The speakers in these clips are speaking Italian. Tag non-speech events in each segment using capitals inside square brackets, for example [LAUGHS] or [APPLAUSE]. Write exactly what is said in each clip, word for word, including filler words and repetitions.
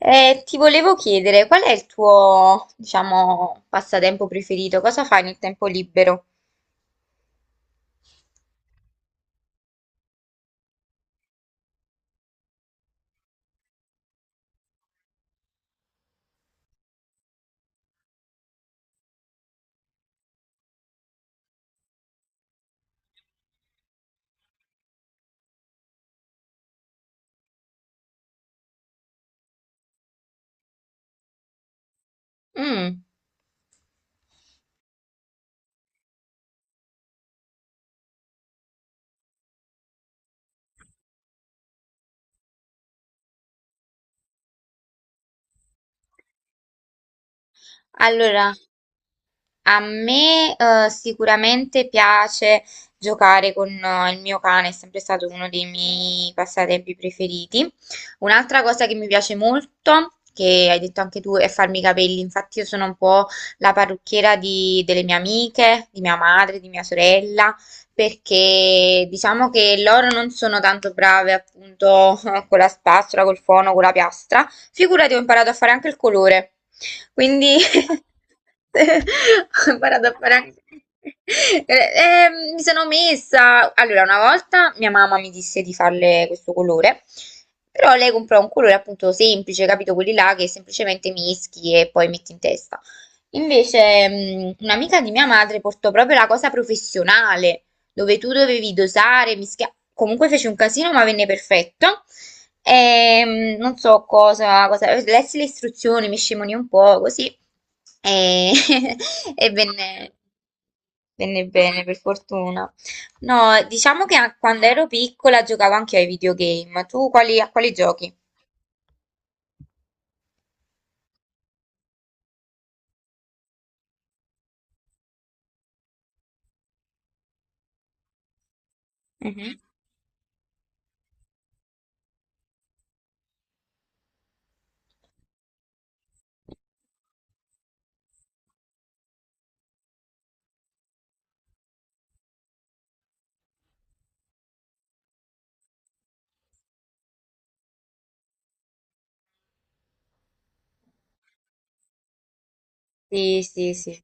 Eh, ti volevo chiedere, qual è il tuo, diciamo, passatempo preferito? Cosa fai nel tempo libero? Mm. Allora, a me, eh, sicuramente piace giocare con eh, il mio cane, è sempre stato uno dei miei passatempi preferiti. Un'altra cosa che mi piace molto, che hai detto anche tu, è farmi i capelli. Infatti io sono un po' la parrucchiera di- delle mie amiche, di mia madre, di mia sorella, perché diciamo che loro non sono tanto brave appunto [LAUGHS] con la spazzola, col fono, con la piastra. Figurati, ho imparato a fare anche il colore. Quindi [LAUGHS] ho imparato a fare anche. Eh, eh, mi sono messa. Allora, una volta mia mamma mi disse di farle questo colore, però lei comprò un colore appunto semplice, capito? Quelli là che semplicemente mischi e poi metti in testa. Invece, mm, un'amica di mia madre portò proprio la cosa professionale dove tu dovevi dosare, mischiare. Comunque fece un casino, ma venne perfetto. E non so cosa, cosa, lessi le istruzioni, mi scimonì un po' così e, [LAUGHS] e venne, venne bene, per fortuna. No, diciamo che a- quando ero piccola giocavo anche ai videogame. Tu quali, a quali giochi? Mhm. Sì, sì, sì.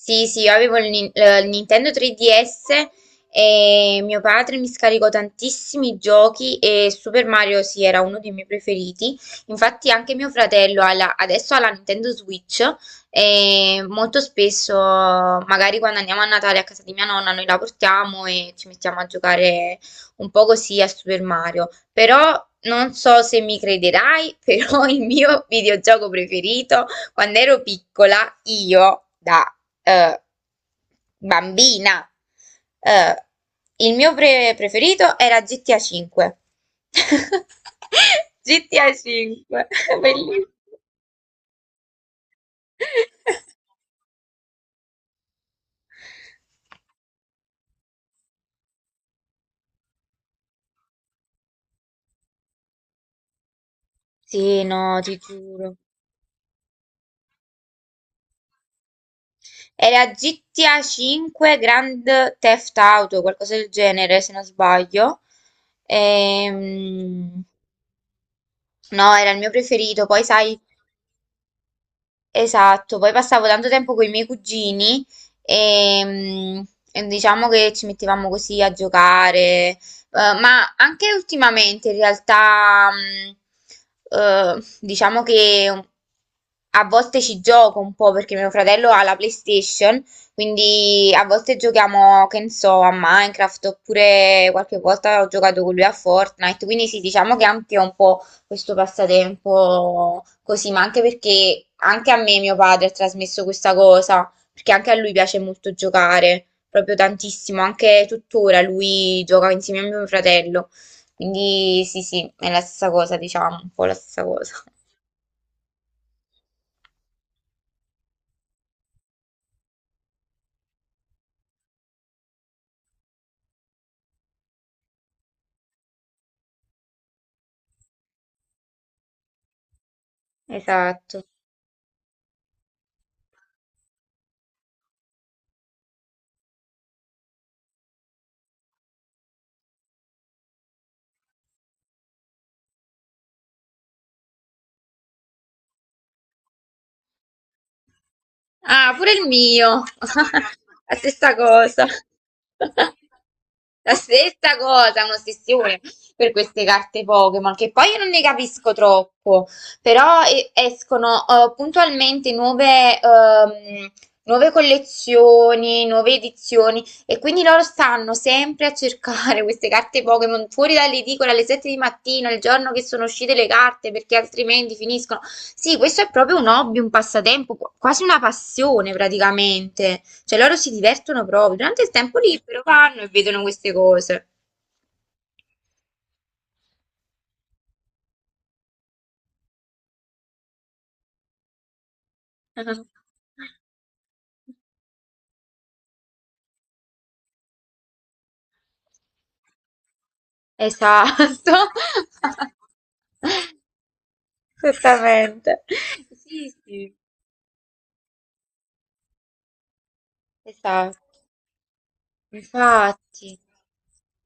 Sì, sì, io avevo il, Nin- eh, il Nintendo tre D S e mio padre mi scaricò tantissimi giochi e Super Mario sì, era uno dei miei preferiti. Infatti anche mio fratello ha la- adesso ha la Nintendo Switch e molto spesso, magari quando andiamo a Natale a casa di mia nonna, noi la portiamo e ci mettiamo a giocare un po' così a Super Mario. Però non so se mi crederai, [LAUGHS] però il mio videogioco preferito quando ero piccola io, da eh, bambina, eh, il mio pre- preferito era G T A cinque. G T A cinque, [LAUGHS] [LAUGHS] bellissimo. Sì, no, ti giuro. Era G T A cinque Grand Theft Auto, qualcosa del genere, se non sbaglio. Ehm, no, era il mio preferito. Poi, sai. Esatto, poi passavo tanto tempo con i miei cugini e, mm, e diciamo che ci mettevamo così a giocare. Eh, ma anche ultimamente in realtà mh, eh, diciamo che a volte ci gioco un po' perché mio fratello ha la PlayStation, quindi a volte giochiamo, che ne so, a Minecraft oppure qualche volta ho giocato con lui a Fortnite, quindi sì, diciamo che anche un po' questo passatempo così, ma anche perché anche a me mio padre ha trasmesso questa cosa, perché anche a lui piace molto giocare, proprio tantissimo, anche tuttora lui gioca insieme a mio fratello, quindi sì, sì, è la stessa cosa, diciamo, un po' la stessa cosa. [LAUGHS] Esatto. Ah, pure il mio. [LAUGHS] La stessa cosa. La stessa cosa, un'ossessione per queste carte Pokémon, che poi io non ne capisco troppo, però eh, escono eh, puntualmente nuove, ehm, nuove collezioni, nuove edizioni. E quindi loro stanno sempre a cercare [LAUGHS] queste carte Pokémon fuori dall'edicola alle sette di mattina, il giorno che sono uscite le carte, perché altrimenti finiscono. Sì, questo è proprio un hobby, un passatempo, qu- quasi una passione praticamente. Cioè loro si divertono proprio. Durante il tempo libero vanno e vedono queste cose. [LAUGHS] Esatto. [LAUGHS] Esattamente. Sì, sì. Esatto. Infatti.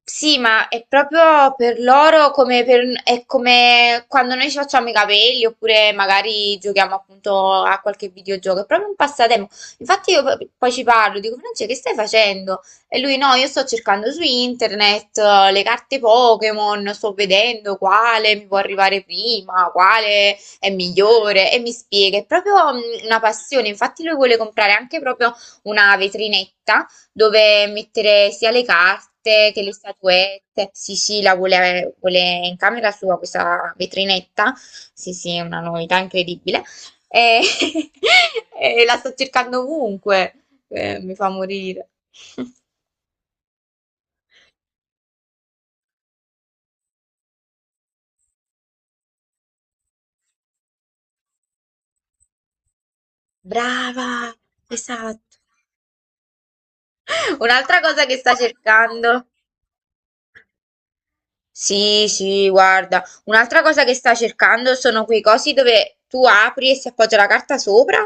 Sì, ma è proprio per loro come per- è come quando noi ci facciamo i capelli oppure magari giochiamo appunto a qualche videogioco, è proprio un passatempo. Infatti io poi poi ci parlo, dico Francia, che stai facendo? E lui no, io sto cercando su internet eh, le carte Pokémon, sto vedendo quale mi può arrivare prima, quale è migliore e mi spiega, è proprio mm, una passione, infatti lui vuole comprare anche proprio una vetrinetta dove mettere sia le carte che le statuette. Sì, sì, la vuole, vuole in camera sua questa vetrinetta. Sì, sì, è una novità incredibile. E, [LAUGHS] e la sto cercando ovunque. Eh, mi fa morire. [LAUGHS] Brava, esatto. Un'altra cosa che sta cercando. Sì, sì, guarda, un'altra cosa che sta cercando sono quei cosi dove tu apri e si appoggia la carta sopra.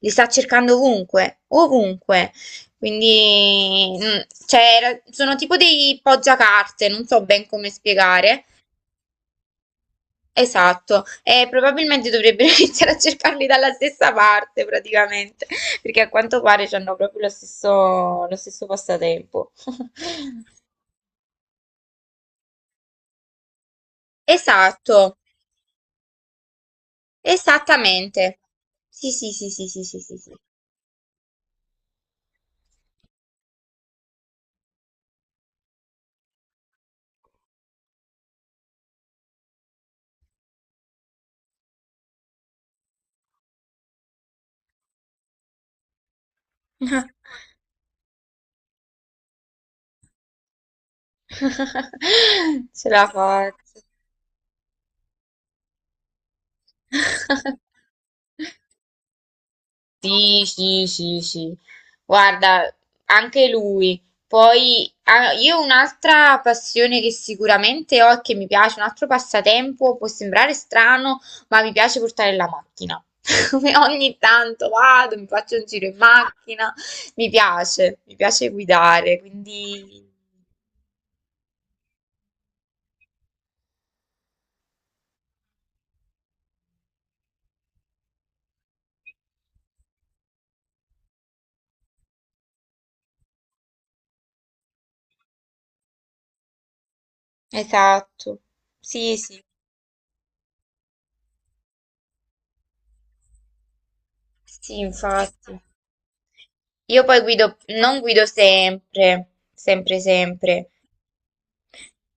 Li sta cercando ovunque, ovunque. Quindi, mm, cioè, era- sono tipo dei poggiacarte, non so ben come spiegare. Esatto, e probabilmente dovrebbero [LAUGHS] iniziare a cercarli dalla stessa parte praticamente, perché a quanto pare hanno proprio lo stesso, lo stesso passatempo. [LAUGHS] Esatto. Esattamente. Sì, sì, sì, sì, sì, sì, sì, sì. [LAUGHS] Ce la faccio. [LAUGHS] Sì, sì, sì, sì. Guarda, anche lui. Poi ah, io un'altra passione che sicuramente ho e che mi piace, un altro passatempo, può sembrare strano, ma mi piace portare la macchina. [LAUGHS] Come ogni tanto vado, mi faccio un giro in macchina, mi piace, mi piace guidare, quindi esatto. Sì, sì. Sì, infatti. Io poi guido, non guido sempre, sempre, sempre,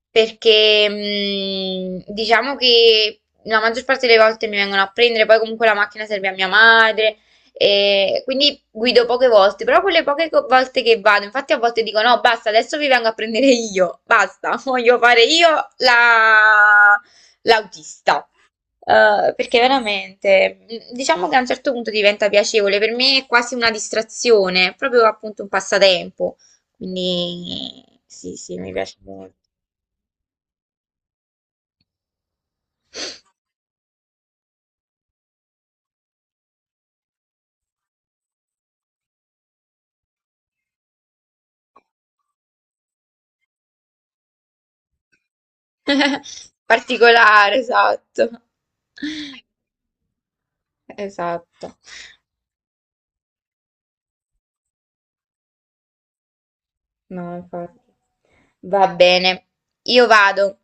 perché mh, diciamo che la maggior parte delle volte mi vengono a prendere, poi comunque la macchina serve a mia madre, e quindi guido poche volte, però quelle poche co- volte che vado, infatti a volte dico no, basta, adesso vi vengo a prendere io, basta, [LAUGHS] voglio fare io la- l'autista. Eh, perché veramente, mh, diciamo che a un certo punto diventa piacevole, per me è quasi una distrazione, è proprio appunto un passatempo, quindi sì, sì, mi piace molto. [LAUGHS] Particolare, esatto. Esatto. No, infatti. Va bene, io vado.